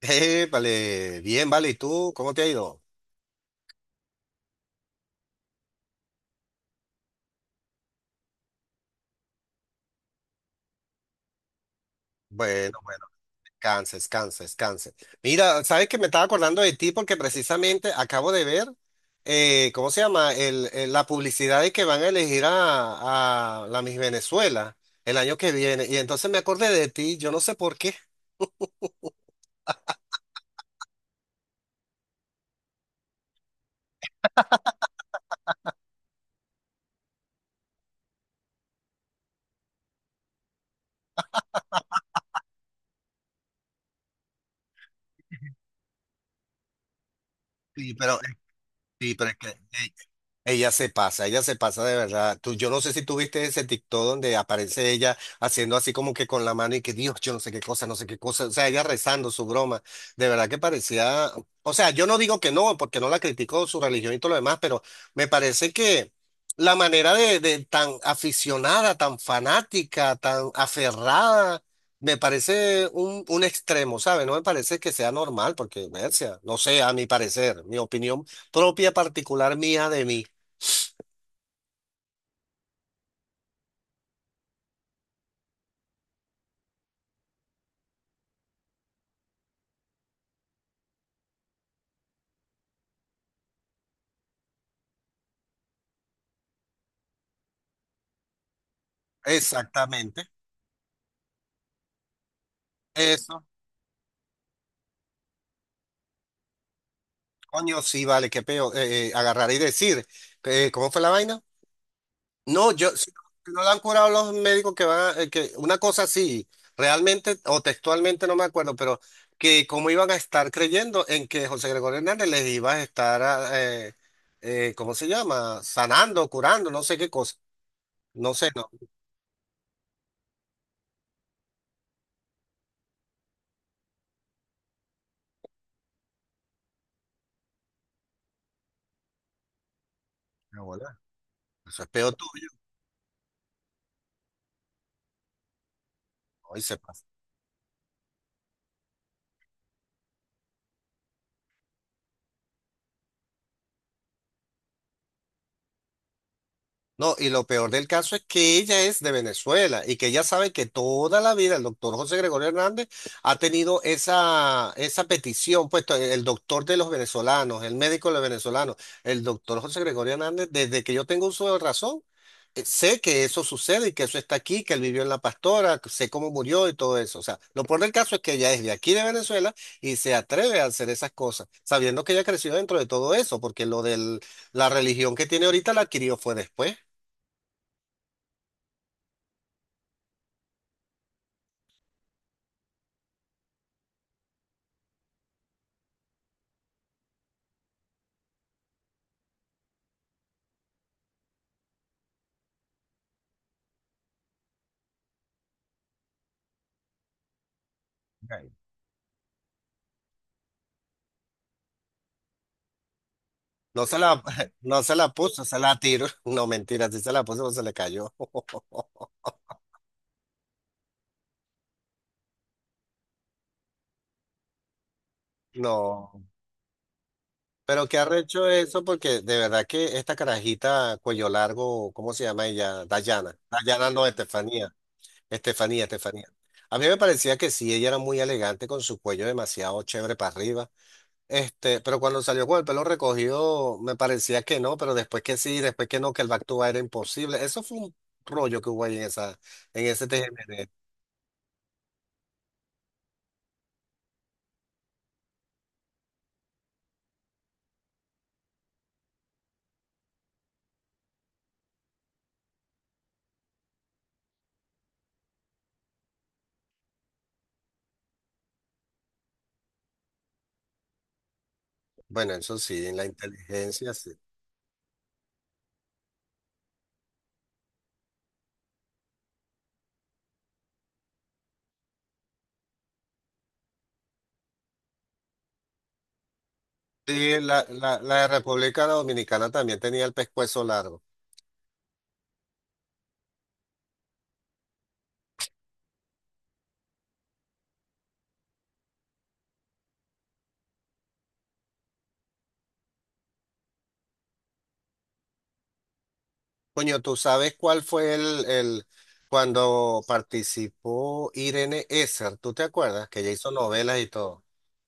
Vale, bien, vale. ¿Y tú? ¿Cómo te ha ido? Bueno, bueno, descansa, descansa, descansa. Mira, sabes que me estaba acordando de ti porque precisamente acabo de ver, ¿cómo se llama? La publicidad de que van a elegir a la Miss Venezuela el año que viene. Y entonces me acordé de ti, yo no sé por qué. Sí, pero, sí, pero es que ella se pasa, ella se pasa de verdad. Tú, yo no sé si tú viste ese TikTok donde aparece ella haciendo así como que con la mano y que Dios, yo no sé qué cosa, no sé qué cosa. O sea, ella rezando su broma. De verdad que parecía, o sea, yo no digo que no, porque no la critico su religión y todo lo demás, pero me parece que la manera de tan aficionada, tan fanática, tan aferrada, me parece un extremo, ¿sabes? No me parece que sea normal, porque, Mercia, no sé, a mi parecer, mi opinión propia particular mía de mí. Exactamente. Eso. Coño, sí, vale, qué peo. Agarrar y decir, ¿cómo fue la vaina? No, yo, si no la han curado los médicos que van, que una cosa así, realmente o textualmente no me acuerdo, pero que cómo iban a estar creyendo en que José Gregorio Hernández les iba a estar, ¿cómo se llama? Sanando, curando, no sé qué cosa. No sé, no. Qué bola. Eso es peo tuyo. Hoy se pasa. No, y lo peor del caso es que ella es de Venezuela y que ella sabe que toda la vida el doctor José Gregorio Hernández ha tenido esa, esa petición, puesto el doctor de los venezolanos, el médico de los venezolanos, el doctor José Gregorio Hernández, desde que yo tengo uso de razón, sé que eso sucede y que eso está aquí, que él vivió en La Pastora, que sé cómo murió y todo eso. O sea, lo peor del caso es que ella es de aquí de Venezuela y se atreve a hacer esas cosas, sabiendo que ella creció dentro de todo eso, porque lo de la religión que tiene ahorita la adquirió fue después. No se la, no se la puso, se la tiró. No, mentira, sí se la puso, pero se le cayó. No, pero qué arrecho eso, porque de verdad que esta carajita cuello largo, ¿cómo se llama ella? Dayana. Dayana no, Estefanía. Estefanía, Estefanía. A mí me parecía que sí, ella era muy elegante con su cuello demasiado chévere para arriba. Este, pero cuando salió con el pelo recogido, me parecía que no, pero después que sí, después que no, que el back to back era imposible. Eso fue un rollo que hubo ahí en esa, en ese TGN. Bueno, eso sí, en la inteligencia sí. Sí, la, la, la República Dominicana también tenía el pescuezo largo. Coño, ¿tú sabes cuál fue el cuando participó Irene Esser? ¿Tú te acuerdas? Que ella hizo novelas y todo.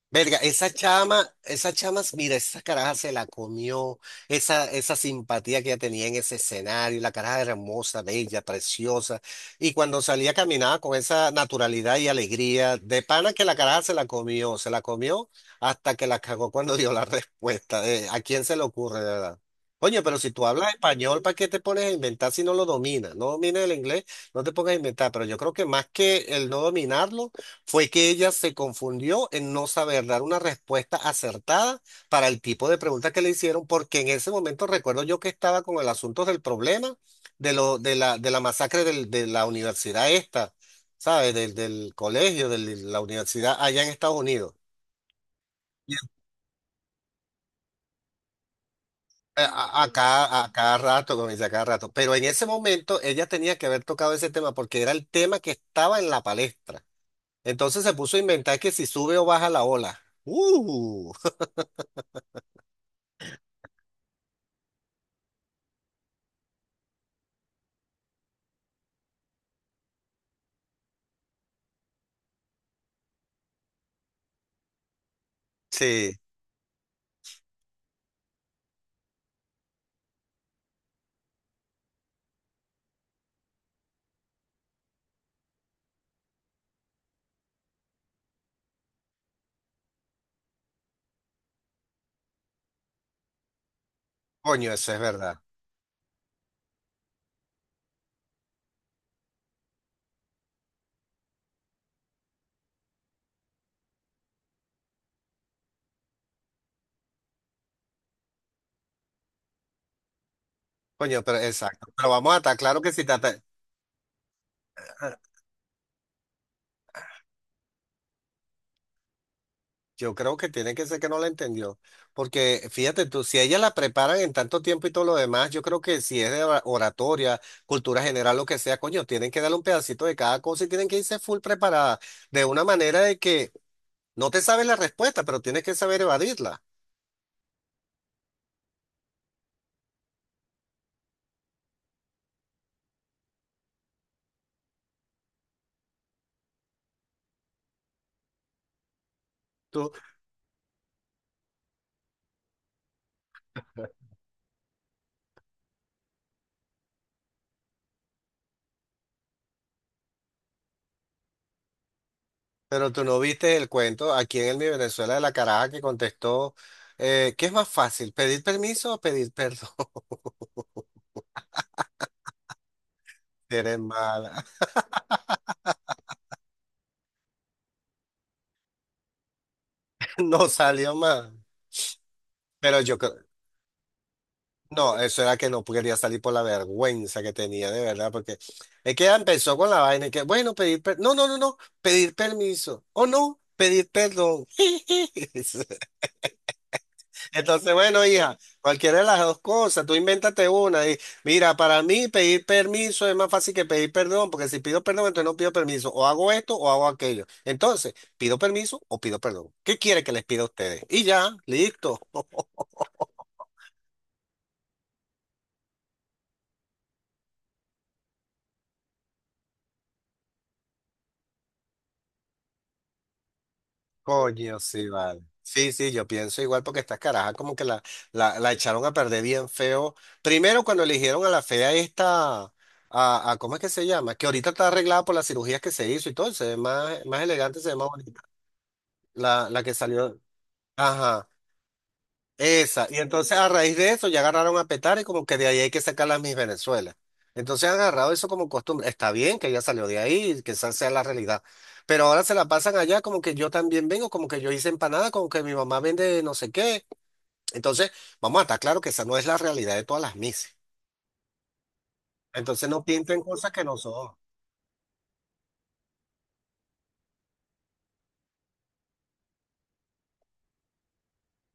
Verga, esa chama, mira, esa caraja se la comió, esa simpatía que ella tenía en ese escenario, la caraja era hermosa, bella, preciosa, y cuando salía caminaba con esa naturalidad y alegría, de pana que la caraja se la comió hasta que la cagó cuando dio la respuesta, ¿a quién se le ocurre, de verdad? Oye, pero si tú hablas español, ¿para qué te pones a inventar si no lo dominas? No domines el inglés, no te pongas a inventar, pero yo creo que más que el no dominarlo, fue que ella se confundió en no saber dar una respuesta acertada para el tipo de pregunta que le hicieron, porque en ese momento recuerdo yo que estaba con el asunto del problema de la masacre de la universidad esta, ¿sabes? Del colegio, de la universidad allá en Estados Unidos. A cada rato, como dice, a cada rato. Pero en ese momento ella tenía que haber tocado ese tema porque era el tema que estaba en la palestra. Entonces se puso a inventar que si sube o baja la ola. ¡Uh! Sí. Coño, eso es verdad. Coño, pero exacto. Pero vamos a estar claro que si te yo creo que tiene que ser que no la entendió. Porque fíjate tú, si ella la preparan en tanto tiempo y todo lo demás, yo creo que si es de oratoria, cultura general, lo que sea, coño, tienen que darle un pedacito de cada cosa y tienen que irse full preparada. De una manera de que no te sabes la respuesta, pero tienes que saber evadirla. Tú, pero tú no viste el cuento aquí en el Mi Venezuela de la caraja que contestó, ¿qué es más fácil, pedir permiso o pedir perdón? Eres mala. No salió más. Pero yo creo, no, eso era que no quería salir por la vergüenza que tenía, de verdad, porque es que ella empezó con la vaina y que, bueno, no, no, no, no, pedir permiso, o no, pedir perdón. Entonces, bueno, hija, cualquiera de las dos cosas, tú invéntate una y mira, para mí pedir permiso es más fácil que pedir perdón, porque si pido perdón, entonces no pido permiso, o hago esto o hago aquello. Entonces, pido permiso o pido perdón. ¿Qué quiere que les pida a ustedes? Y ya, listo. Coño, sí, vale. Sí, sí, yo pienso igual porque estas carajas como que la echaron a perder bien feo. Primero cuando eligieron a la fea esta, a ¿cómo es que se llama? Que ahorita está arreglada por las cirugías que se hizo y todo, se ve más, más elegante, se ve más bonita. La que salió. Ajá. Esa, y entonces a raíz de eso ya agarraron a petar y como que de ahí hay que sacar las mis Venezuela. Entonces han agarrado eso como costumbre. Está bien que ella salió de ahí, y que esa sea la realidad. Pero ahora se la pasan allá como que yo también vengo, como que yo hice empanada, como que mi mamá vende no sé qué. Entonces, vamos a estar claro que esa no es la realidad de todas las mises. Entonces no pinten cosas que no son.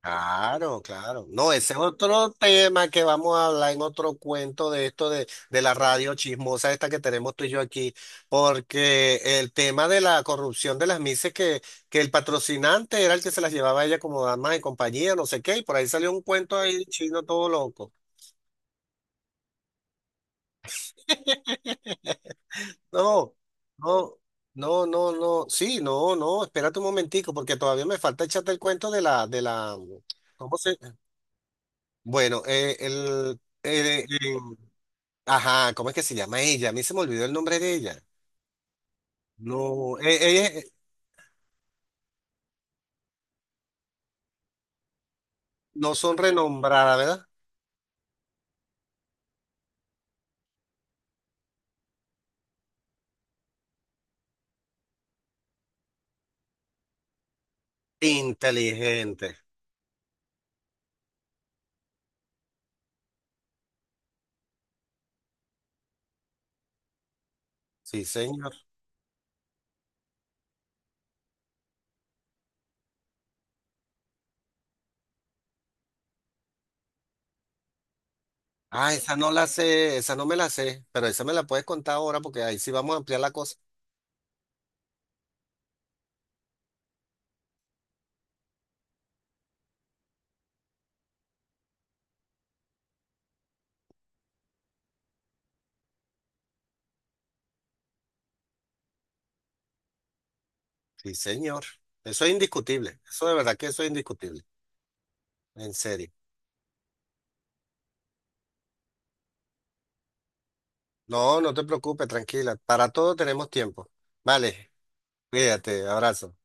Claro, claro. No, ese es otro tema que vamos a hablar en otro cuento de esto de la radio chismosa esta que tenemos tú y yo aquí, porque el tema de la corrupción de las mises que el patrocinante era el que se las llevaba a ella como damas de compañía, no sé qué, y por ahí salió un cuento ahí chino todo loco. No, no, no, sí, no, espérate un momentico, porque todavía me falta echarte el cuento de la, ¿cómo se? Bueno, ajá, ¿cómo es que se llama ella? A mí se me olvidó el nombre de ella. No, ellas no son renombradas, ¿verdad? Inteligente. Sí, señor. Ah, esa no la sé, esa no me la sé, pero esa me la puedes contar ahora porque ahí sí vamos a ampliar la cosa. Sí, señor. Eso es indiscutible. Eso de verdad que eso es indiscutible. En serio. No, no te preocupes, tranquila. Para todo tenemos tiempo. Vale, cuídate, abrazo.